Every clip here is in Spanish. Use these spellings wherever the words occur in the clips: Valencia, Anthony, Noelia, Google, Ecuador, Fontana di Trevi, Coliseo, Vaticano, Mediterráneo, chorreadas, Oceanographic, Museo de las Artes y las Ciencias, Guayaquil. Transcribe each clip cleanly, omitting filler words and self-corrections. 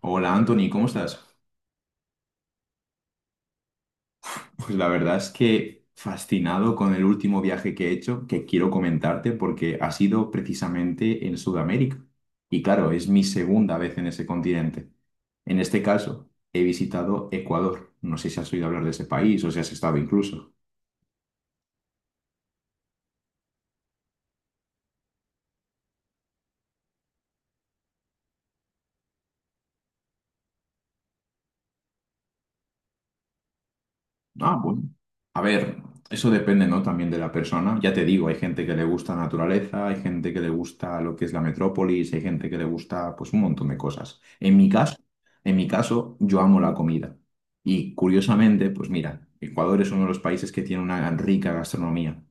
Hola Anthony, ¿cómo estás? Pues la verdad es que fascinado con el último viaje que he hecho, que quiero comentarte porque ha sido precisamente en Sudamérica. Y claro, es mi segunda vez en ese continente. En este caso, he visitado Ecuador. No sé si has oído hablar de ese país o si has estado incluso. Ah, bueno. A ver, eso depende, ¿no? También de la persona. Ya te digo, hay gente que le gusta la naturaleza, hay gente que le gusta lo que es la metrópolis, hay gente que le gusta, pues, un montón de cosas. En mi caso, yo amo la comida. Y curiosamente, pues mira, Ecuador es uno de los países que tiene una rica gastronomía.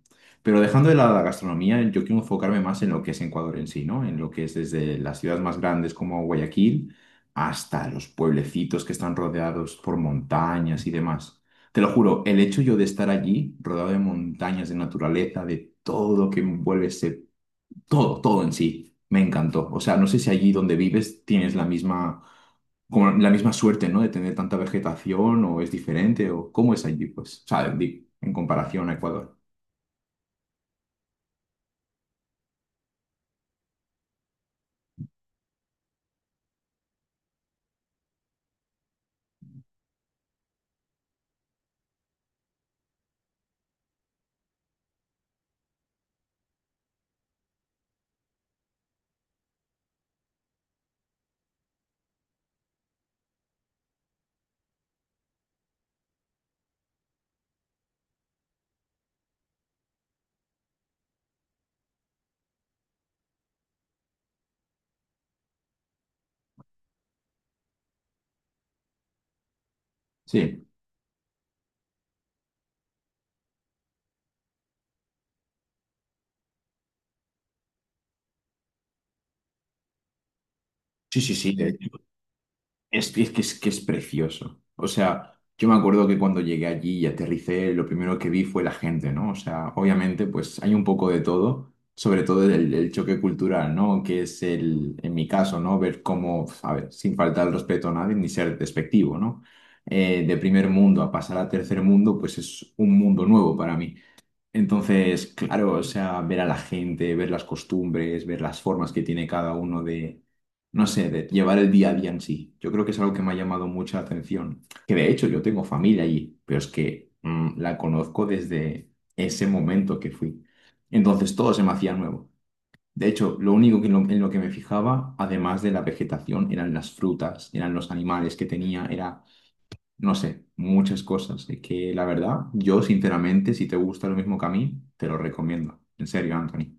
Pero dejando de lado la gastronomía, yo quiero enfocarme más en lo que es Ecuador en sí, ¿no? En lo que es desde las ciudades más grandes como Guayaquil hasta los pueblecitos que están rodeados por montañas y demás. Te lo juro, el hecho yo de estar allí, rodeado de montañas, de naturaleza, de todo lo que envuelve ese, todo, todo en sí, me encantó. O sea, no sé si allí donde vives tienes la misma, como la misma suerte, ¿no? De tener tanta vegetación o es diferente o cómo es allí, pues, o sea, en comparación a Ecuador. Sí, sí, sí, sí. Es que es precioso. O sea, yo me acuerdo que cuando llegué allí y aterricé, lo primero que vi fue la gente, ¿no? O sea, obviamente, pues hay un poco de todo, sobre todo el choque cultural, ¿no? Que es el, en mi caso, ¿no? Ver cómo, a ver, sin faltar el respeto a nadie ni ser despectivo, ¿no? De primer mundo a pasar a tercer mundo, pues es un mundo nuevo para mí. Entonces, claro, o sea, ver a la gente, ver las costumbres, ver las formas que tiene cada uno de, no sé, de llevar el día a día en sí. Yo creo que es algo que me ha llamado mucha atención. Que de hecho yo tengo familia allí, pero es que la conozco desde ese momento que fui. Entonces todo se me hacía nuevo. De hecho, lo único que en lo que me fijaba, además de la vegetación, eran las frutas, eran los animales que tenía, era no sé, muchas cosas. Es que la verdad, yo sinceramente, si te gusta lo mismo que a mí, te lo recomiendo. En serio, Anthony.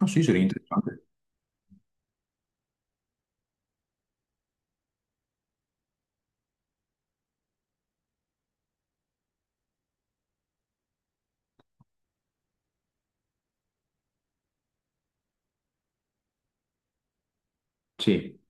No, sí, sería interesante. Sí.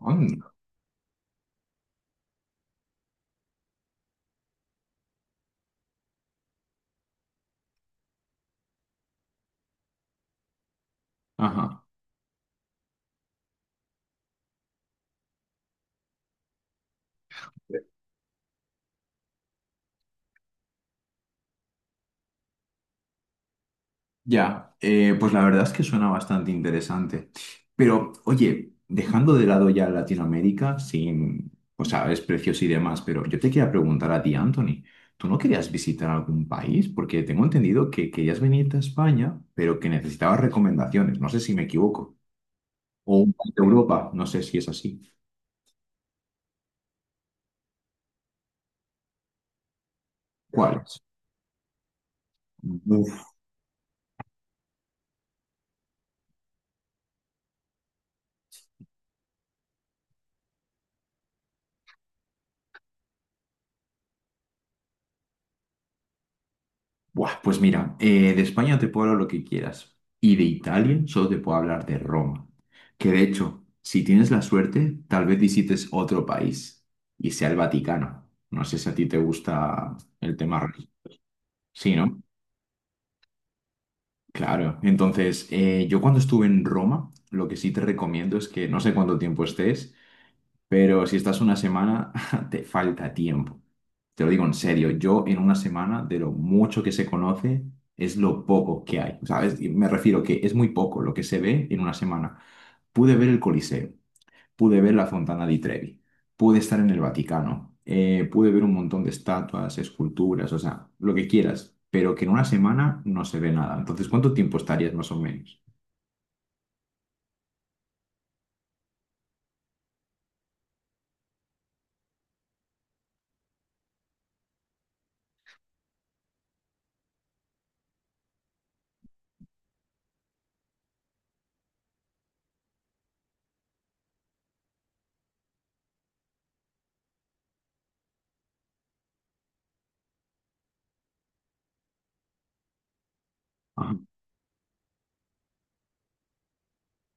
Anda. Ajá. Ya, pues la verdad es que suena bastante interesante. Pero, oye, dejando de lado ya Latinoamérica, sin, o sea, precios y demás, pero yo te quería preguntar a ti, Anthony, ¿tú no querías visitar algún país? Porque tengo entendido que querías venirte a España, pero que necesitabas recomendaciones. No sé si me equivoco. ¿O un país de Europa? No sé si es así. ¿Cuáles? Uf, buah, pues mira, de España te puedo hablar lo que quieras. Y de Italia solo te puedo hablar de Roma. Que de hecho, si tienes la suerte, tal vez visites otro país y sea el Vaticano. No sé si a ti te gusta el tema religioso. Sí, ¿no? Claro. Entonces, yo cuando estuve en Roma, lo que sí te recomiendo es que no sé cuánto tiempo estés. Pero si estás una semana, te falta tiempo. Te lo digo en serio, yo en una semana, de lo mucho que se conoce, es lo poco que hay. ¿Sabes? Y me refiero que es muy poco lo que se ve en una semana. Pude ver el Coliseo, pude ver la Fontana di Trevi, pude estar en el Vaticano, pude ver un montón de estatuas, esculturas, o sea, lo que quieras, pero que en una semana no se ve nada. Entonces, ¿cuánto tiempo estarías más o menos?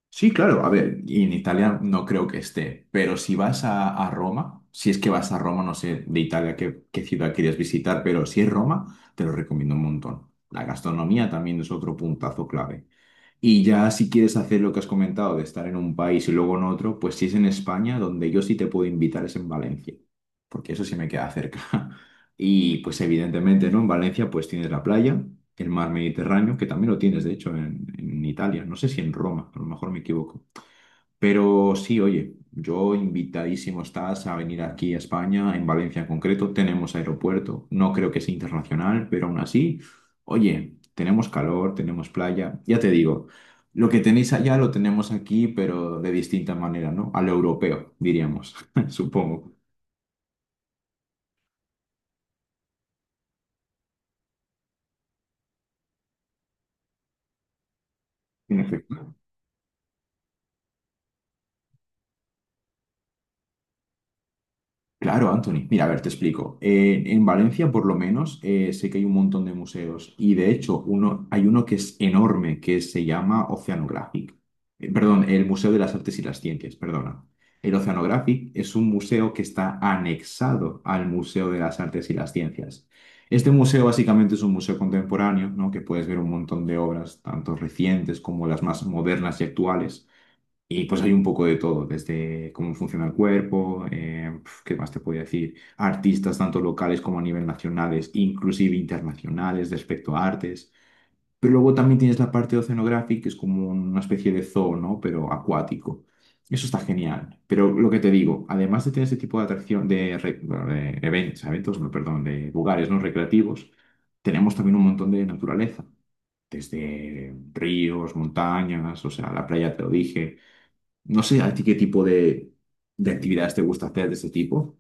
Sí, claro, a ver, y en Italia no creo que esté, pero si vas a Roma, si es que vas a Roma, no sé de Italia qué ciudad quieres visitar, pero si es Roma, te lo recomiendo un montón. La gastronomía también es otro puntazo clave. Y ya si quieres hacer lo que has comentado, de estar en un país y luego en otro, pues si es en España, donde yo sí te puedo invitar es en Valencia, porque eso sí me queda cerca. Y pues evidentemente, ¿no? En Valencia pues tienes la playa, el mar Mediterráneo, que también lo tienes, de hecho, en Italia, no sé si en Roma, a lo mejor me equivoco. Pero sí, oye, yo invitadísimo estás a venir aquí a España, en Valencia en concreto, tenemos aeropuerto, no creo que sea internacional, pero aún así, oye, tenemos calor, tenemos playa, ya te digo, lo que tenéis allá lo tenemos aquí, pero de distinta manera, ¿no? A lo europeo, diríamos, supongo. Claro, Anthony. Mira, a ver, te explico. En Valencia, por lo menos, sé que hay un montón de museos y de hecho hay uno que es enorme, que se llama Oceanographic. Perdón, el Museo de las Artes y las Ciencias, perdona. El Oceanographic es un museo que está anexado al Museo de las Artes y las Ciencias. Este museo básicamente es un museo contemporáneo, ¿no? Que puedes ver un montón de obras, tanto recientes como las más modernas y actuales. Y pues hay un poco de todo, desde cómo funciona el cuerpo, ¿qué más te puedo decir? Artistas tanto locales como a nivel nacionales, inclusive internacionales respecto a artes. Pero luego también tienes la parte oceanográfica, que es como una especie de zoo, ¿no? Pero acuático. Eso está genial. Pero lo que te digo, además de tener ese tipo de atracción, bueno, de eventos, eventos, no, perdón, de lugares no recreativos, tenemos también un montón de naturaleza desde ríos, montañas, o sea, la playa te lo dije, no sé a ti qué tipo de actividades te gusta hacer de ese tipo.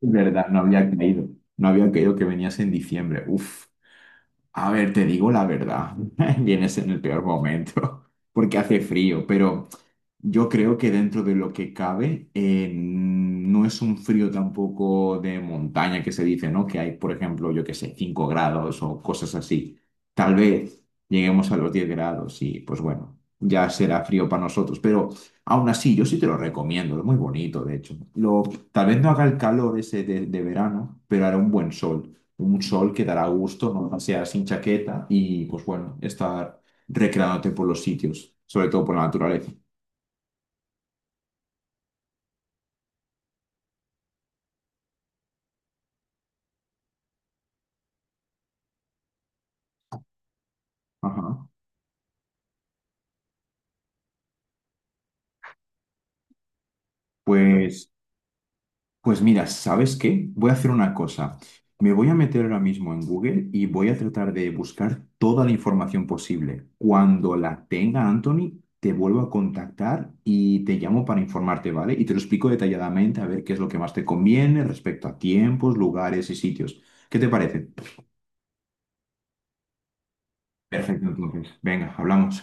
Es verdad, no había caído. No había caído que venías en diciembre. Uf. A ver, te digo la verdad. Vienes en el peor momento porque hace frío, pero yo creo que dentro de lo que cabe, no es un frío tampoco de montaña que se dice, ¿no? Que hay, por ejemplo, yo qué sé, 5 grados o cosas así. Tal vez lleguemos a los 10 grados y pues bueno, ya será frío para nosotros. Pero aún así, yo sí te lo recomiendo, es muy bonito, de hecho. Lo, tal vez no haga el calor ese de verano, pero hará un buen sol. Un sol que dará gusto, no sea sin chaqueta y pues bueno, estar recreándote por los sitios, sobre todo por la naturaleza. Ajá. Pues, pues mira, ¿sabes qué? Voy a hacer una cosa. Me voy a meter ahora mismo en Google y voy a tratar de buscar toda la información posible. Cuando la tenga, Anthony, te vuelvo a contactar y te llamo para informarte, ¿vale? Y te lo explico detalladamente a ver qué es lo que más te conviene respecto a tiempos, lugares y sitios. ¿Qué te parece? Perfecto, entonces. Venga, hablamos.